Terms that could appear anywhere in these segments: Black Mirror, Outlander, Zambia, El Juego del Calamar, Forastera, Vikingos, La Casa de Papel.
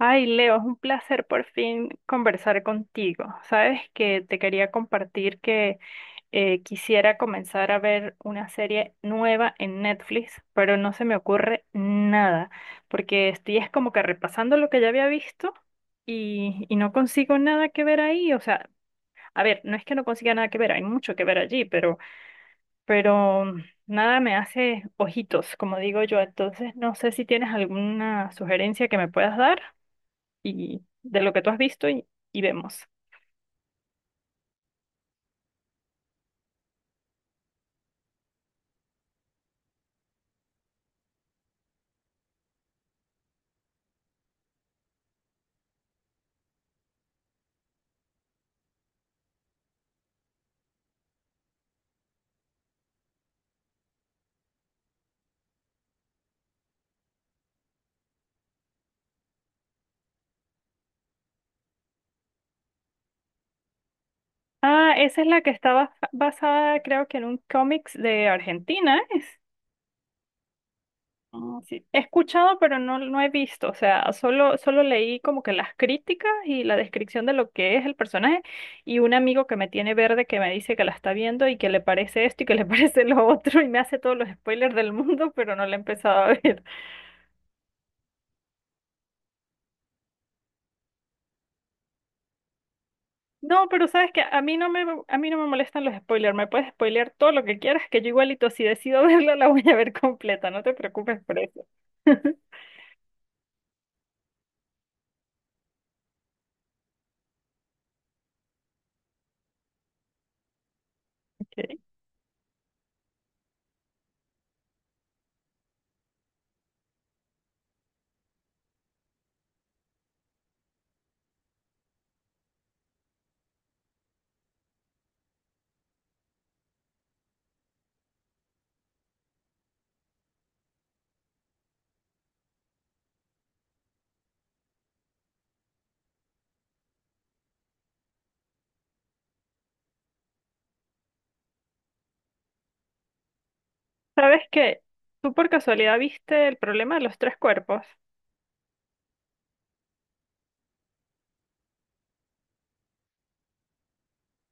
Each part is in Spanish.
Ay, Leo, es un placer por fin conversar contigo. Sabes que te quería compartir que quisiera comenzar a ver una serie nueva en Netflix, pero no se me ocurre nada, porque estoy es como que repasando lo que ya había visto y no consigo nada que ver ahí. O sea, a ver, no es que no consiga nada que ver, hay mucho que ver allí, pero nada me hace ojitos, como digo yo. Entonces, no sé si tienes alguna sugerencia que me puedas dar y de lo que tú has visto y vemos. Ah, esa es la que está basada, creo que en un cómics de Argentina, ¿es? Ah, sí. He escuchado, pero no, no he visto. O sea, solo leí como que las críticas y la descripción de lo que es el personaje y un amigo que me tiene verde que me dice que la está viendo y que le parece esto y que le parece lo otro y me hace todos los spoilers del mundo, pero no la he empezado a ver. No, pero sabes que a mí no me molestan los spoilers. Me puedes spoilear todo lo que quieras, que yo igualito si decido verla la voy a ver completa. No te preocupes por eso. Ok. ¿Sabes qué? ¿Tú por casualidad viste el problema de los tres cuerpos?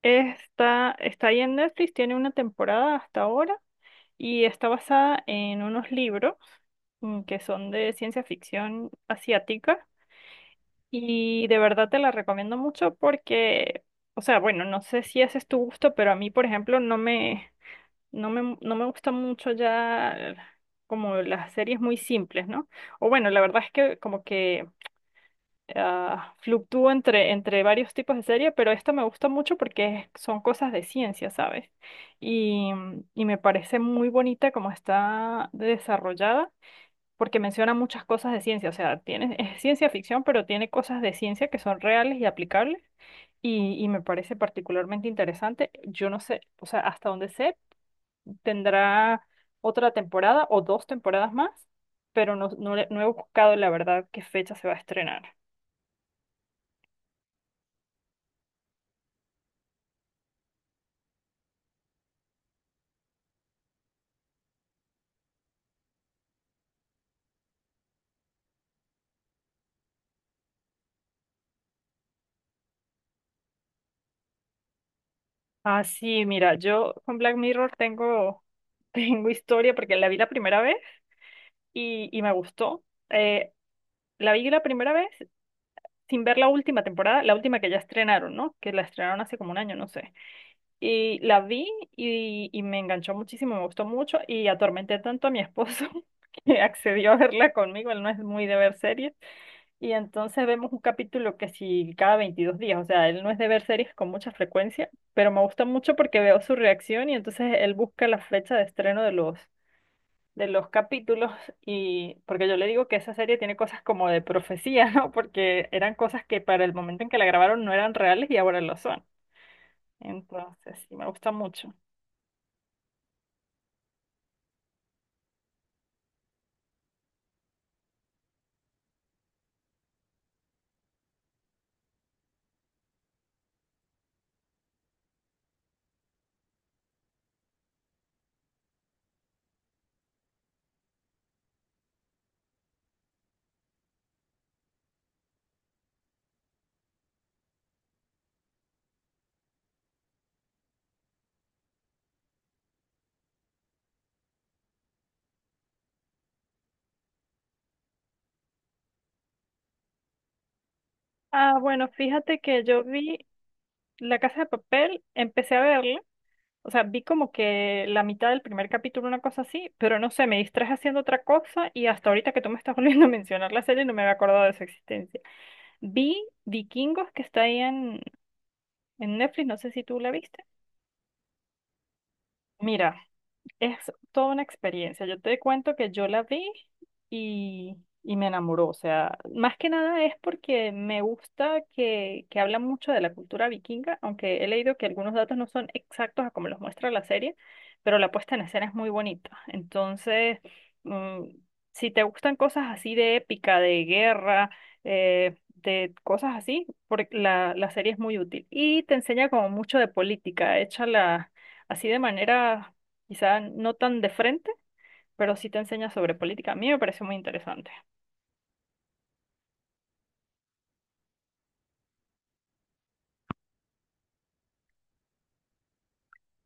Está ahí en Netflix, tiene una temporada hasta ahora y está basada en unos libros que son de ciencia ficción asiática. Y de verdad te la recomiendo mucho porque, o sea, bueno, no sé si ese es tu gusto, pero a mí, por ejemplo, no me gusta mucho ya como las series muy simples, ¿no? O bueno, la verdad es que como que fluctúo entre varios tipos de serie, pero esta me gusta mucho porque son cosas de ciencia, ¿sabes? Y, y me parece muy bonita como está desarrollada porque menciona muchas cosas de ciencia, o sea, tiene, es ciencia ficción, pero tiene cosas de ciencia que son reales y aplicables y me parece particularmente interesante. Yo no sé, o sea, hasta donde sé, tendrá otra temporada o dos temporadas más, pero no he buscado la verdad qué fecha se va a estrenar. Ah, sí, mira, yo con Black Mirror tengo, tengo historia porque la vi la primera vez y me gustó. Eh, la vi la primera vez sin ver la última temporada, la última que ya estrenaron, ¿no? Que la estrenaron hace como un año, no sé. Y la vi y me enganchó muchísimo, me gustó mucho y atormenté tanto a mi esposo que accedió a verla conmigo, él no es muy de ver series. Y entonces vemos un capítulo que sí cada 22 días, o sea, él no es de ver series con mucha frecuencia, pero me gusta mucho porque veo su reacción y entonces él busca la fecha de estreno de los capítulos y porque yo le digo que esa serie tiene cosas como de profecía, ¿no? Porque eran cosas que para el momento en que la grabaron no eran reales y ahora lo son. Entonces, sí, me gusta mucho. Ah, bueno, fíjate que yo vi La Casa de Papel, empecé a verla, o sea, vi como que la mitad del primer capítulo, una cosa así, pero no sé, me distraje haciendo otra cosa y hasta ahorita que tú me estás volviendo a mencionar la serie no me había acordado de su existencia. Vi Vikingos que está ahí en Netflix, no sé si tú la viste. Mira, es toda una experiencia. Yo te cuento que yo la vi y, y me enamoró. O sea, más que nada es porque me gusta que habla mucho de la cultura vikinga, aunque he leído que algunos datos no son exactos a como los muestra la serie, pero la puesta en escena es muy bonita. Entonces, mm, si te gustan cosas así de épica, de guerra, de cosas así, porque la serie es muy útil. Y te enseña como mucho de política, échala así de manera quizá no tan de frente, pero sí te enseña sobre política. A mí me pareció muy interesante.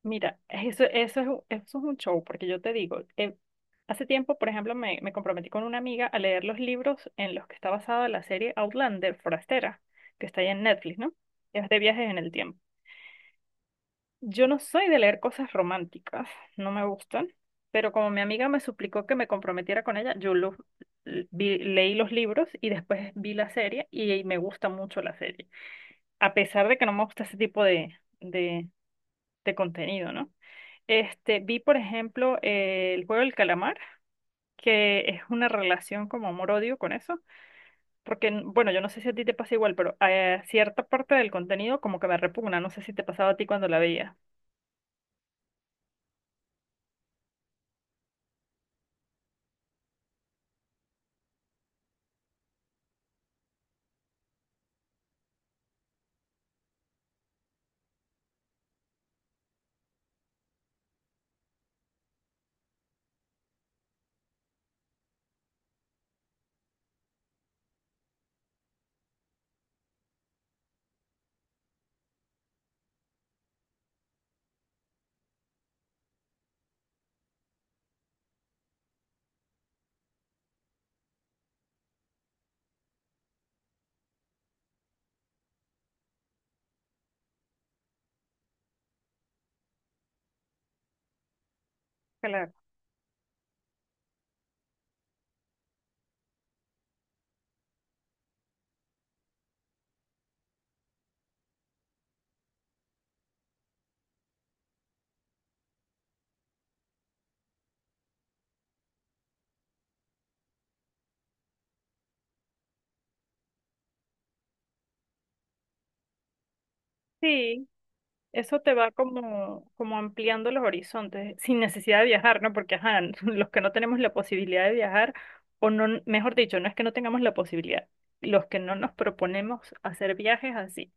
Mira, eso es un show, porque yo te digo, hace tiempo, por ejemplo, me comprometí con una amiga a leer los libros en los que está basada la serie Outlander, Forastera, que está ahí en Netflix, ¿no? Es de viajes en el tiempo. Yo no soy de leer cosas románticas, no me gustan, pero como mi amiga me suplicó que me comprometiera con ella, yo leí los libros y después vi la serie y me gusta mucho la serie. A pesar de que no me gusta ese tipo de, contenido, ¿no? Vi, por ejemplo, el juego del calamar, que es una relación como amor-odio con eso, porque, bueno, yo no sé si a ti te pasa igual, pero cierta parte del contenido como que me repugna, no sé si te pasaba a ti cuando la veía. Claro. Sí, eso te va como ampliando los horizontes, sin necesidad de viajar, ¿no? Porque, ajá, los que no tenemos la posibilidad de viajar, o no, mejor dicho, no es que no tengamos la posibilidad, los que no nos proponemos hacer viajes así,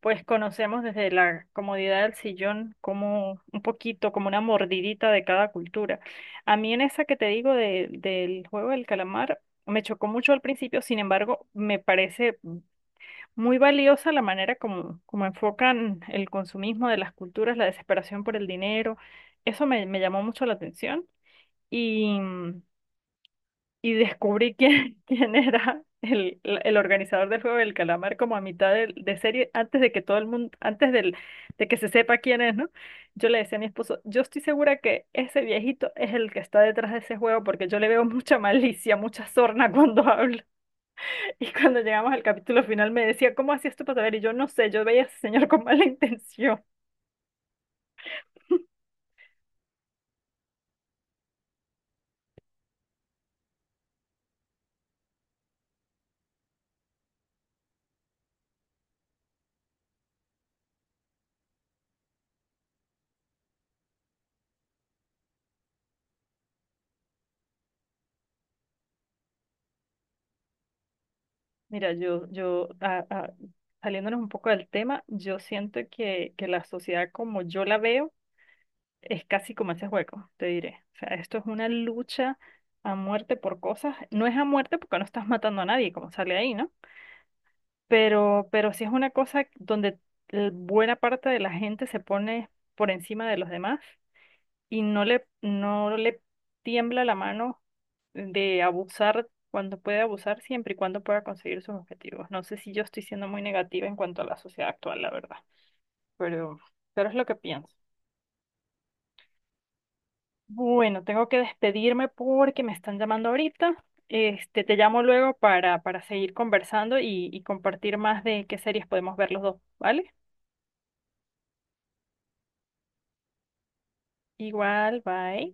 pues conocemos desde la comodidad del sillón como un poquito, como una mordidita de cada cultura. A mí en esa que te digo del juego del calamar, me chocó mucho al principio, sin embargo, me parece muy valiosa la manera como enfocan el consumismo de las culturas, la desesperación por el dinero. Eso me llamó mucho la atención y, y descubrí quién, quién era el organizador del Juego del Calamar como a mitad de serie, antes de que todo el mundo, de que se sepa quién es, ¿no? Yo le decía a mi esposo, yo estoy segura que ese viejito es el que está detrás de ese juego porque yo le veo mucha malicia, mucha sorna cuando habla. Y cuando llegamos al capítulo final me decía, ¿cómo hacías tú para saber? Y yo no sé, yo veía a ese señor con mala intención. Mira, saliéndonos un poco del tema, yo siento que la sociedad como yo la veo es casi como ese juego, te diré. O sea, esto es una lucha a muerte por cosas. No es a muerte porque no estás matando a nadie, como sale ahí, ¿no? Pero sí es una cosa donde buena parte de la gente se pone por encima de los demás y no le tiembla la mano de abusar cuando puede abusar, siempre y cuando pueda conseguir sus objetivos. No sé si yo estoy siendo muy negativa en cuanto a la sociedad actual, la verdad, pero, pero es lo que pienso. Bueno, tengo que despedirme porque me están llamando ahorita. Te llamo luego para seguir conversando y compartir más de qué series podemos ver los dos, ¿vale? Igual, bye.